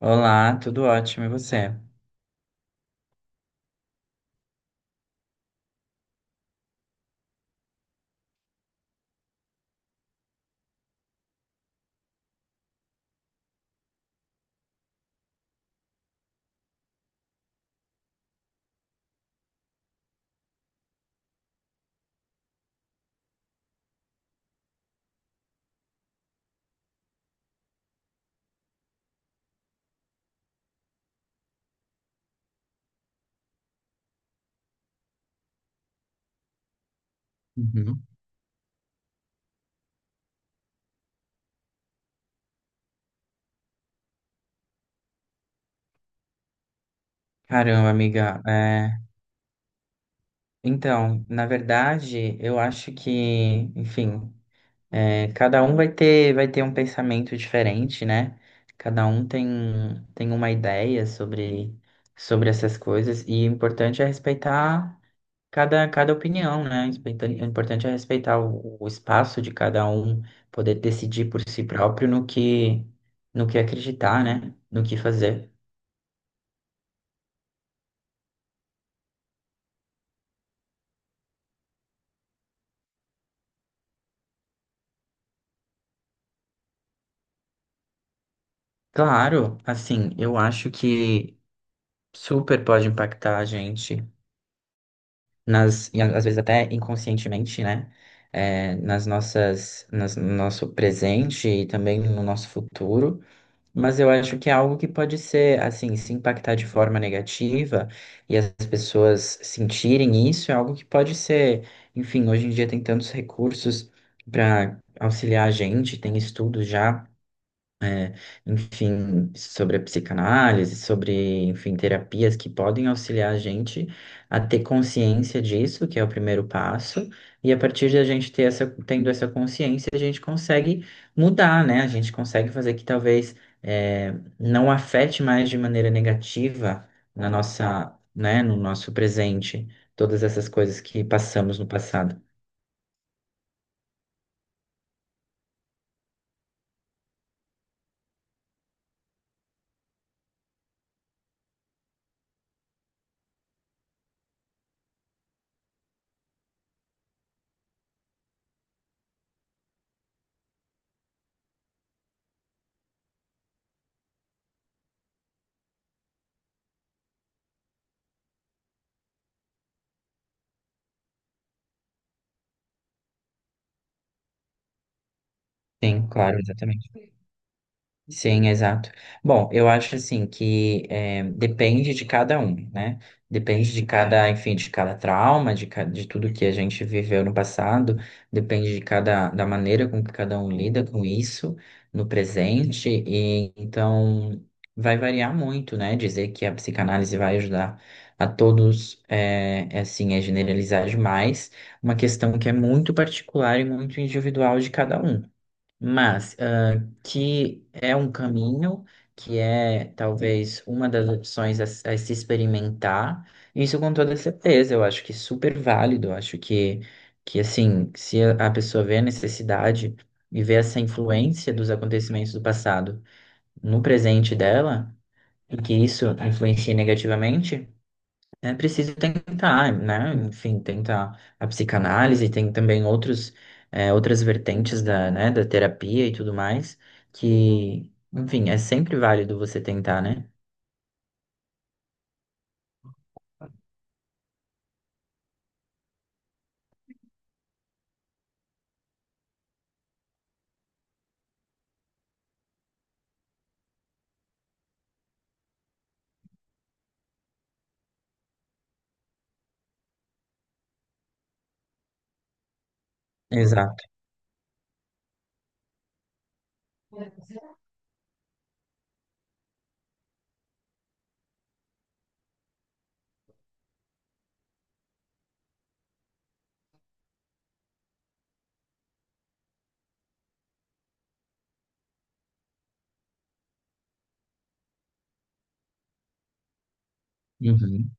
Olá, tudo ótimo, e você? Uhum. Caramba, amiga. Então, na verdade, eu acho que, enfim, cada um vai ter um pensamento diferente, né? Cada um tem uma ideia sobre essas coisas, e o importante é respeitar cada opinião, né? O importante é respeitar o espaço de cada um, poder decidir por si próprio no que acreditar, né? No que fazer. Claro, assim, eu acho que super pode impactar a gente e às vezes até inconscientemente, né? Nas nossas, no nosso presente e também no nosso futuro. Mas eu acho que é algo que pode ser, assim, se impactar de forma negativa e as pessoas sentirem isso, é algo que pode ser, enfim, hoje em dia tem tantos recursos para auxiliar a gente, tem estudos já, enfim, sobre a psicanálise, sobre, enfim, terapias que podem auxiliar a gente a ter consciência disso, que é o primeiro passo, e a partir de a gente ter essa, tendo essa consciência, a gente consegue mudar, né? A gente consegue fazer que talvez eh, não afete mais de maneira negativa na nossa, né, no nosso presente, todas essas coisas que passamos no passado. Sim, claro, exatamente. Sim, exato. Bom, eu acho assim que depende de cada um, né? Depende de cada, enfim, de cada trauma, de, de tudo que a gente viveu no passado, depende de cada, da maneira com que cada um lida com isso no presente, e então vai variar muito, né? Dizer que a psicanálise vai ajudar a todos, assim, é generalizar demais, uma questão que é muito particular e muito individual de cada um. Mas que é um caminho, que é talvez uma das opções a se experimentar. Isso com toda certeza, eu acho que é super válido, eu acho que assim, se a pessoa vê a necessidade e vê essa influência dos acontecimentos do passado no presente dela, e que isso influencia negativamente, é preciso tentar, né? Enfim, tentar a psicanálise, tem também outros, outras vertentes da, né, da terapia e tudo mais, que, enfim, é sempre válido você tentar, né? Exato. Uhum.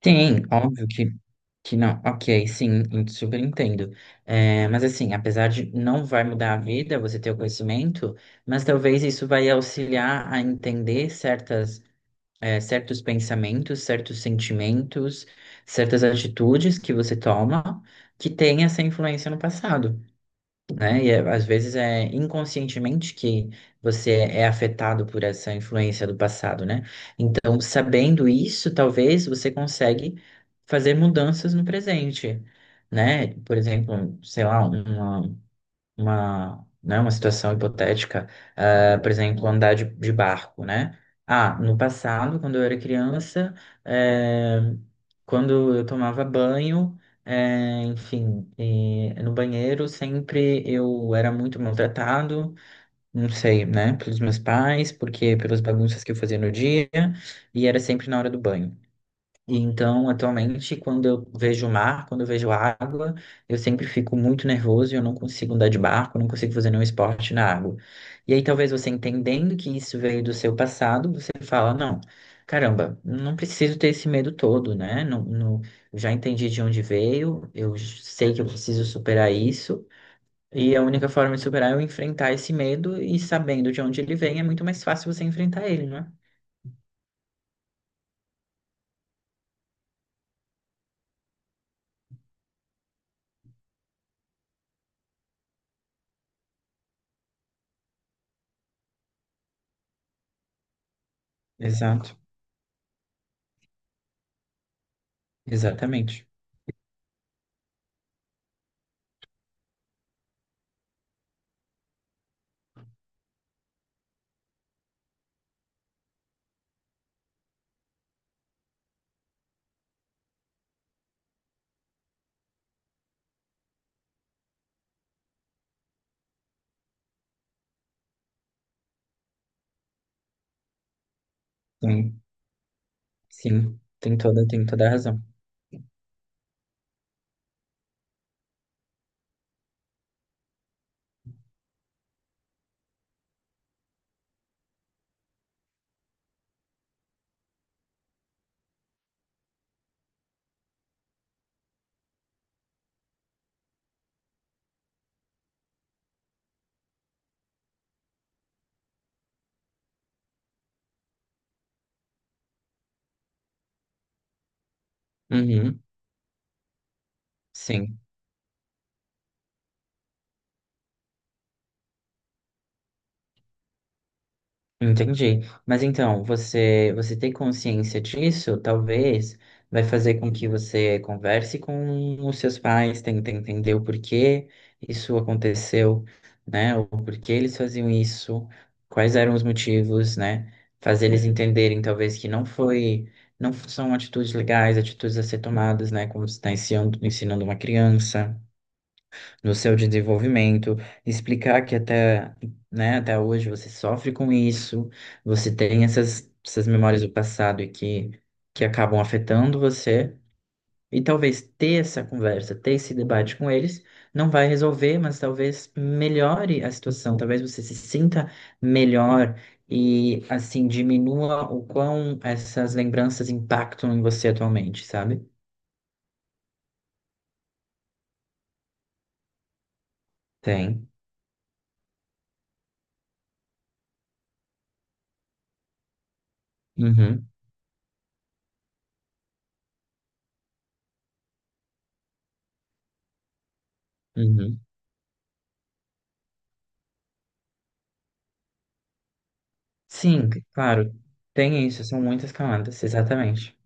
Tem, óbvio que, não. Ok, sim, eu super entendo. Mas assim, apesar de não vai mudar a vida você ter o conhecimento, mas talvez isso vai auxiliar a entender certas, certos pensamentos, certos sentimentos, certas atitudes que você toma que tem essa influência no passado, né? E às vezes é inconscientemente que você é afetado por essa influência do passado, né? Então, sabendo isso, talvez você consegue fazer mudanças no presente. Né? Por exemplo, sei lá, né, uma situação hipotética, ah, por exemplo, andar de barco, né? Ah, no passado, quando eu era criança, eh, quando eu tomava banho, no banheiro sempre eu era muito maltratado, não sei, né, pelos meus pais, porque pelas bagunças que eu fazia no dia, e era sempre na hora do banho. E então, atualmente, quando eu vejo o mar, quando eu vejo água, eu sempre fico muito nervoso e eu não consigo andar de barco, não consigo fazer nenhum esporte na água. E aí, talvez você entendendo que isso veio do seu passado, você fala, não, caramba, não preciso ter esse medo todo, né? Não, eu já entendi de onde veio, eu sei que eu preciso superar isso. E a única forma de superar é eu enfrentar esse medo, e sabendo de onde ele vem, é muito mais fácil você enfrentar ele, não é? Exato, exatamente. Sim, tem toda a razão. Uhum, sim, entendi. Mas então, você ter consciência disso, talvez, vai fazer com que você converse com os seus pais, tente entender o porquê isso aconteceu, né? O porquê eles faziam isso, quais eram os motivos, né? Fazer eles, entenderem, talvez, que não foi, não são atitudes legais, atitudes a ser tomadas, né? Como você está ensinando, ensinando uma criança. Do seu desenvolvimento, explicar que até, né, até hoje você sofre com isso, você tem essas memórias do passado, e que acabam afetando você, e talvez ter essa conversa, ter esse debate com eles, não vai resolver, mas talvez melhore a situação, talvez você se sinta melhor e, assim, diminua o quão essas lembranças impactam em você atualmente, sabe? Tem. Uhum, uhum. Sim, claro. Tem isso, são muitas camadas, exatamente.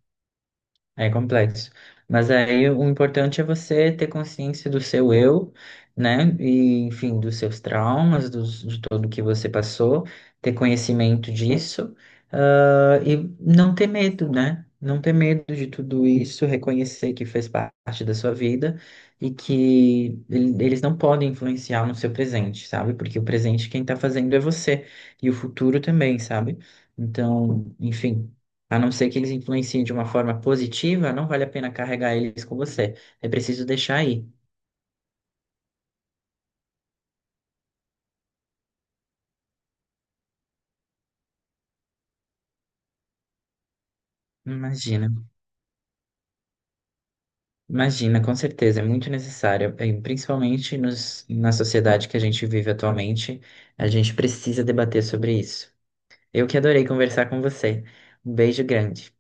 É complexo. Mas aí o importante é você ter consciência do seu eu, né? E, enfim, dos seus traumas, dos, de tudo que você passou, ter conhecimento disso, ah, e não ter medo, né? Não ter medo de tudo isso, reconhecer que fez parte da sua vida e que eles não podem influenciar no seu presente, sabe? Porque o presente quem tá fazendo é você, e o futuro também, sabe? Então, enfim. A não ser que eles influenciem de uma forma positiva, não vale a pena carregar eles com você. É preciso deixar aí. Imagina, imagina, com certeza, é muito necessário, principalmente na sociedade que a gente vive atualmente, a gente precisa debater sobre isso. Eu que adorei conversar com você. Um beijo grande.